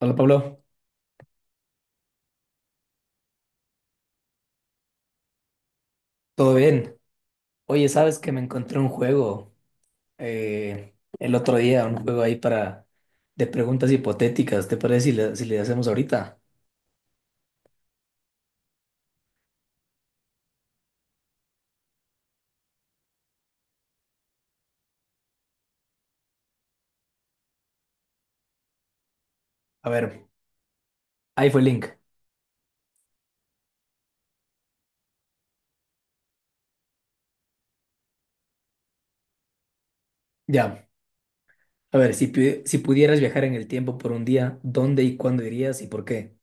Hola Pablo, ¿todo bien? Oye, sabes que me encontré un juego el otro día, un juego ahí para de preguntas hipotéticas. ¿Te parece si le hacemos ahorita? A ver, ahí fue el link. Ya. A ver, si pudieras viajar en el tiempo por un día, ¿dónde y cuándo irías y por qué?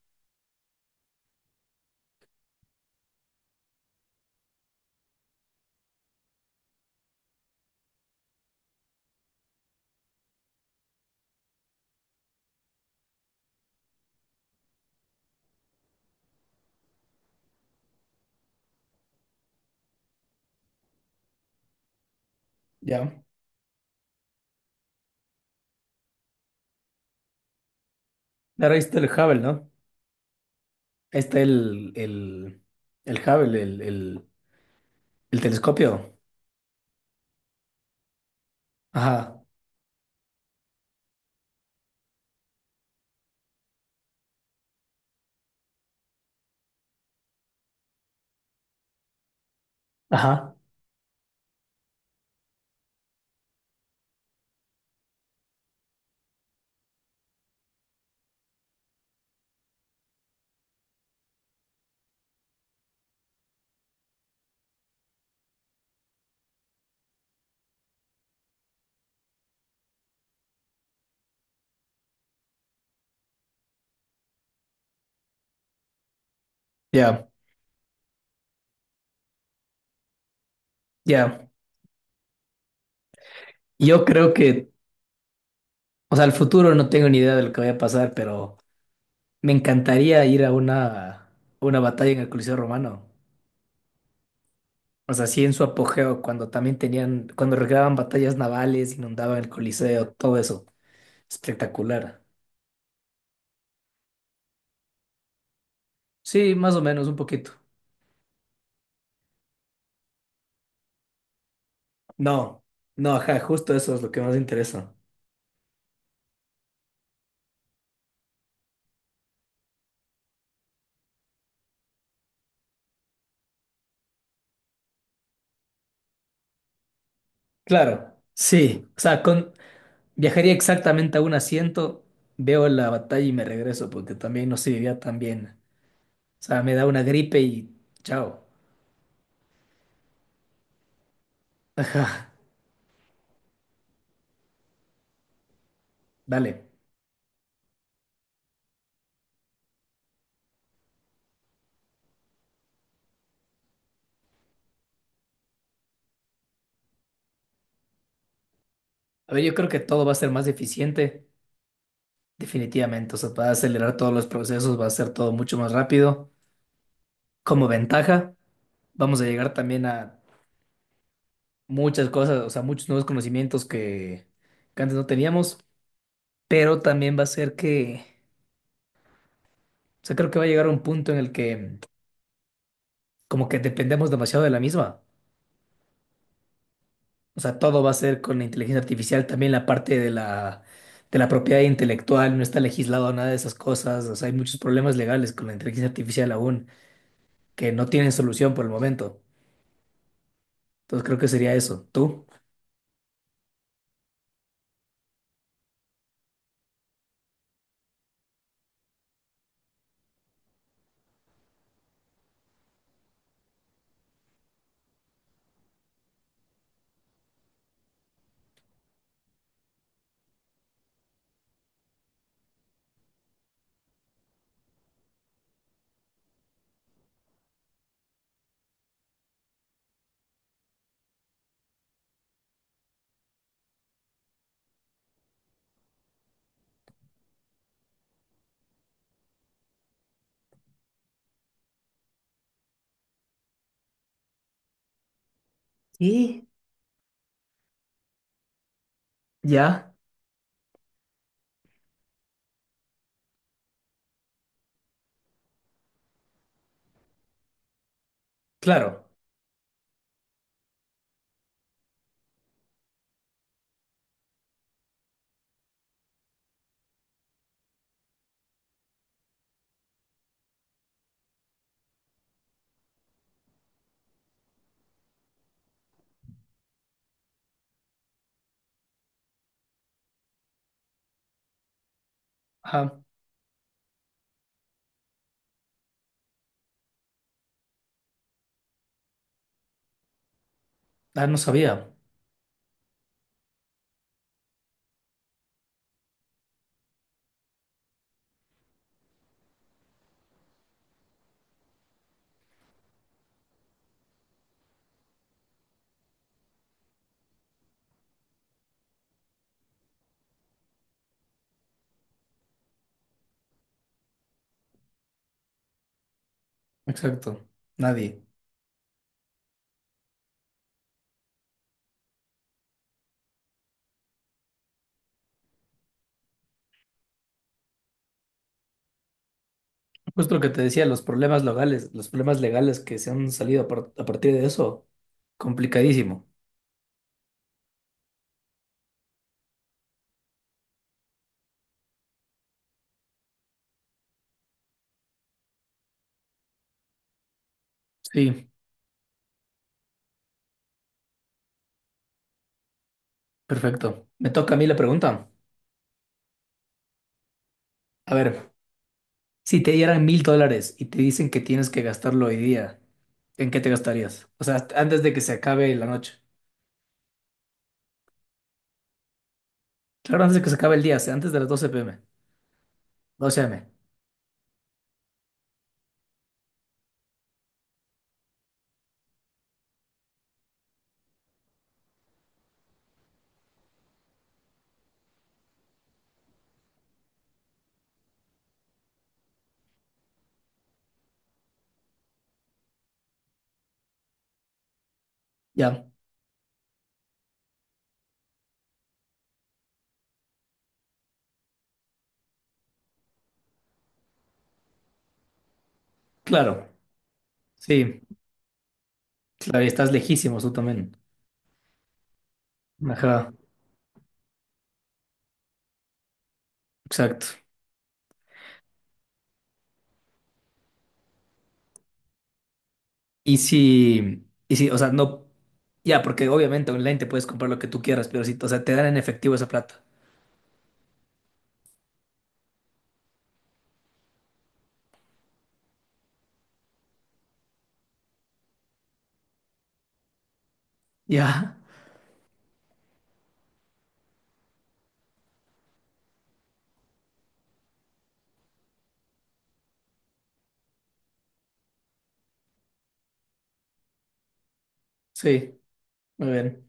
Ya. Claro, ahí está el Hubble, ¿no? Ahí está el Hubble, el telescopio. Ajá. Ajá. Ya. Ya. Yo creo que o sea, al futuro no tengo ni idea de lo que vaya a pasar, pero me encantaría ir a una batalla en el Coliseo Romano. O sea, sí, en su apogeo, cuando también tenían, cuando regaban batallas navales, inundaban el Coliseo, todo eso. Espectacular. Sí, más o menos, un poquito. No, no, ajá, justo eso es lo que más me interesa. Claro, sí. O sea, con, viajaría exactamente a un asiento, veo la batalla y me regreso, porque también no se vivía tan bien. O sea, me da una gripe y chao, dale. A ver, yo creo que todo va a ser más eficiente, definitivamente. O sea, va a acelerar todos los procesos, va a ser todo mucho más rápido. Como ventaja, vamos a llegar también a muchas cosas, o sea, muchos nuevos conocimientos que antes no teníamos, pero también va a ser que, o sea, creo que va a llegar a un punto en el que como que dependemos demasiado de la misma. O sea, todo va a ser con la inteligencia artificial, también la parte de la propiedad intelectual, no está legislado nada de esas cosas, o sea, hay muchos problemas legales con la inteligencia artificial aún, que no tienen solución por el momento. Entonces creo que sería eso. ¿Tú? Y ya. Claro. Ajá. Ah, no sabía. Exacto. Nadie. Justo lo que te decía, los problemas legales que se han salido a partir de eso, complicadísimo. Sí, perfecto. Me toca a mí la pregunta. A ver, si te dieran $1.000 y te dicen que tienes que gastarlo hoy día, ¿en qué te gastarías? O sea, antes de que se acabe la noche. Claro, antes de que se acabe el día, o sea, antes de las 12 p.m. 12 a.m. Ya, claro. Sí, claro, y estás lejísimos tú también. Ajá, exacto. Y si, o sea, no, ya, porque obviamente online te puedes comprar lo que tú quieras, pero si, o sea, te dan en efectivo esa plata. Ya, sí, muy bien.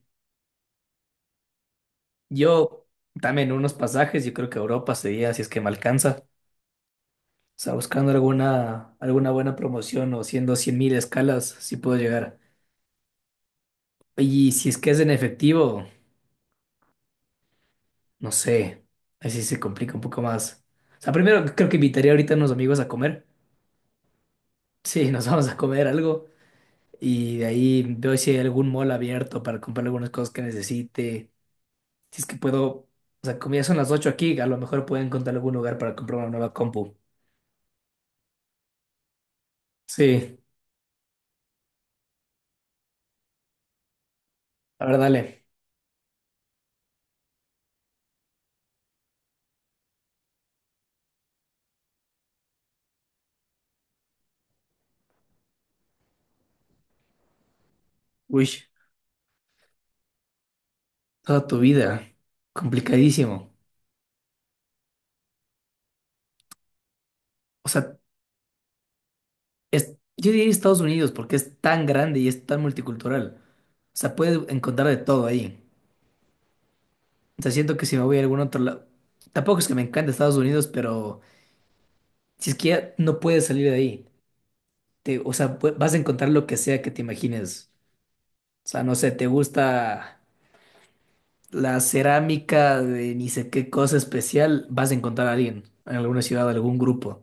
Yo también unos pasajes, yo creo que Europa sería, si es que me alcanza. O sea, buscando alguna buena promoción o siendo 100.000 escalas, si puedo llegar. Y si es que es en efectivo, no sé, así se complica un poco más. O sea, primero creo que invitaría ahorita a unos amigos a comer. Sí, nos vamos a comer algo y de ahí veo si hay algún mall abierto para comprar algunas cosas que necesite. Si es que puedo, o sea, como ya son las 8 aquí, a lo mejor puedo encontrar algún lugar para comprar una nueva compu. Sí, a ver, dale. Uy, toda tu vida, complicadísimo. O sea, es, yo diría Estados Unidos porque es tan grande y es tan multicultural. O sea, puedes encontrar de todo ahí. O sea, siento que si me voy a algún otro lado, tampoco es que me encante Estados Unidos, pero si es que ya no puedes salir de ahí. O sea, vas a encontrar lo que sea que te imagines. O sea, no sé, te gusta la cerámica de ni sé qué cosa especial, vas a encontrar a alguien en alguna ciudad, algún grupo.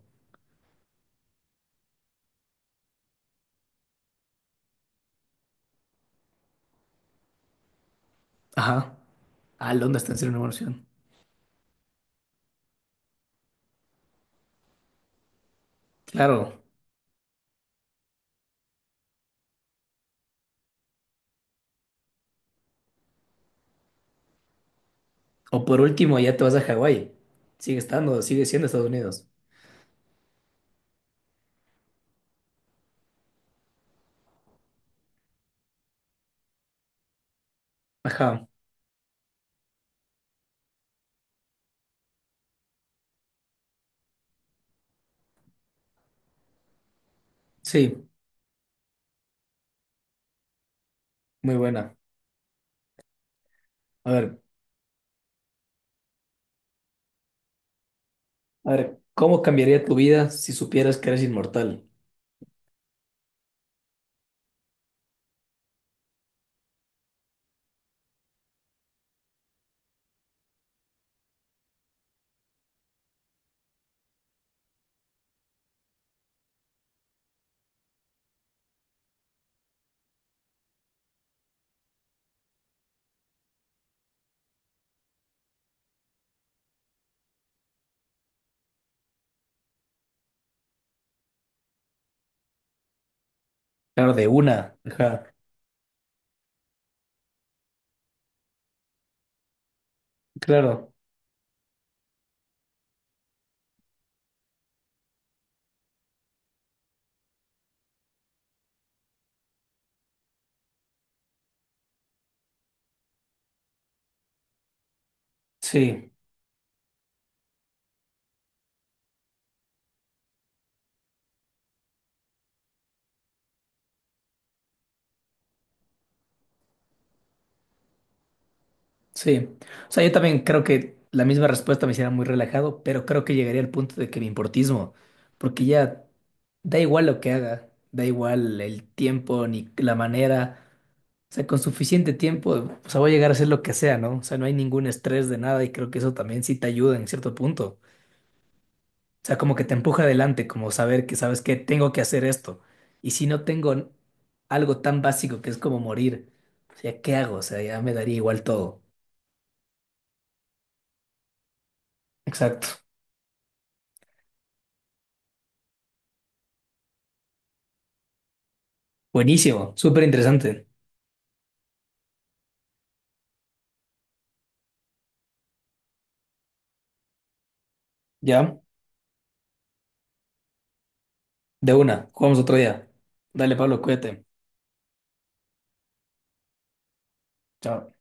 Ajá. Ah, Londres está en ser una buena opción. Claro. O por último, ya te vas a Hawái. Sigue estando, sigue siendo Estados Unidos. Ajá. Sí, muy buena. A ver, a ver, ¿cómo cambiaría tu vida si supieras que eres inmortal? Claro, de una. Ajá. Claro. Sí. Sí, o sea, yo también creo que la misma respuesta me hiciera muy relajado, pero creo que llegaría al punto de que me importismo, porque ya da igual lo que haga, da igual el tiempo ni la manera, o sea, con suficiente tiempo, o sea, voy a llegar a hacer lo que sea, ¿no? O sea, no hay ningún estrés de nada y creo que eso también sí te ayuda en cierto punto, o sea, como que te empuja adelante, como saber que sabes que tengo que hacer esto, y si no tengo algo tan básico que es como morir, o sea, ¿qué hago? O sea, ya me daría igual todo. Exacto. Buenísimo, súper interesante. Ya, de una, jugamos otro día. Dale, Pablo, cuídate. Chao.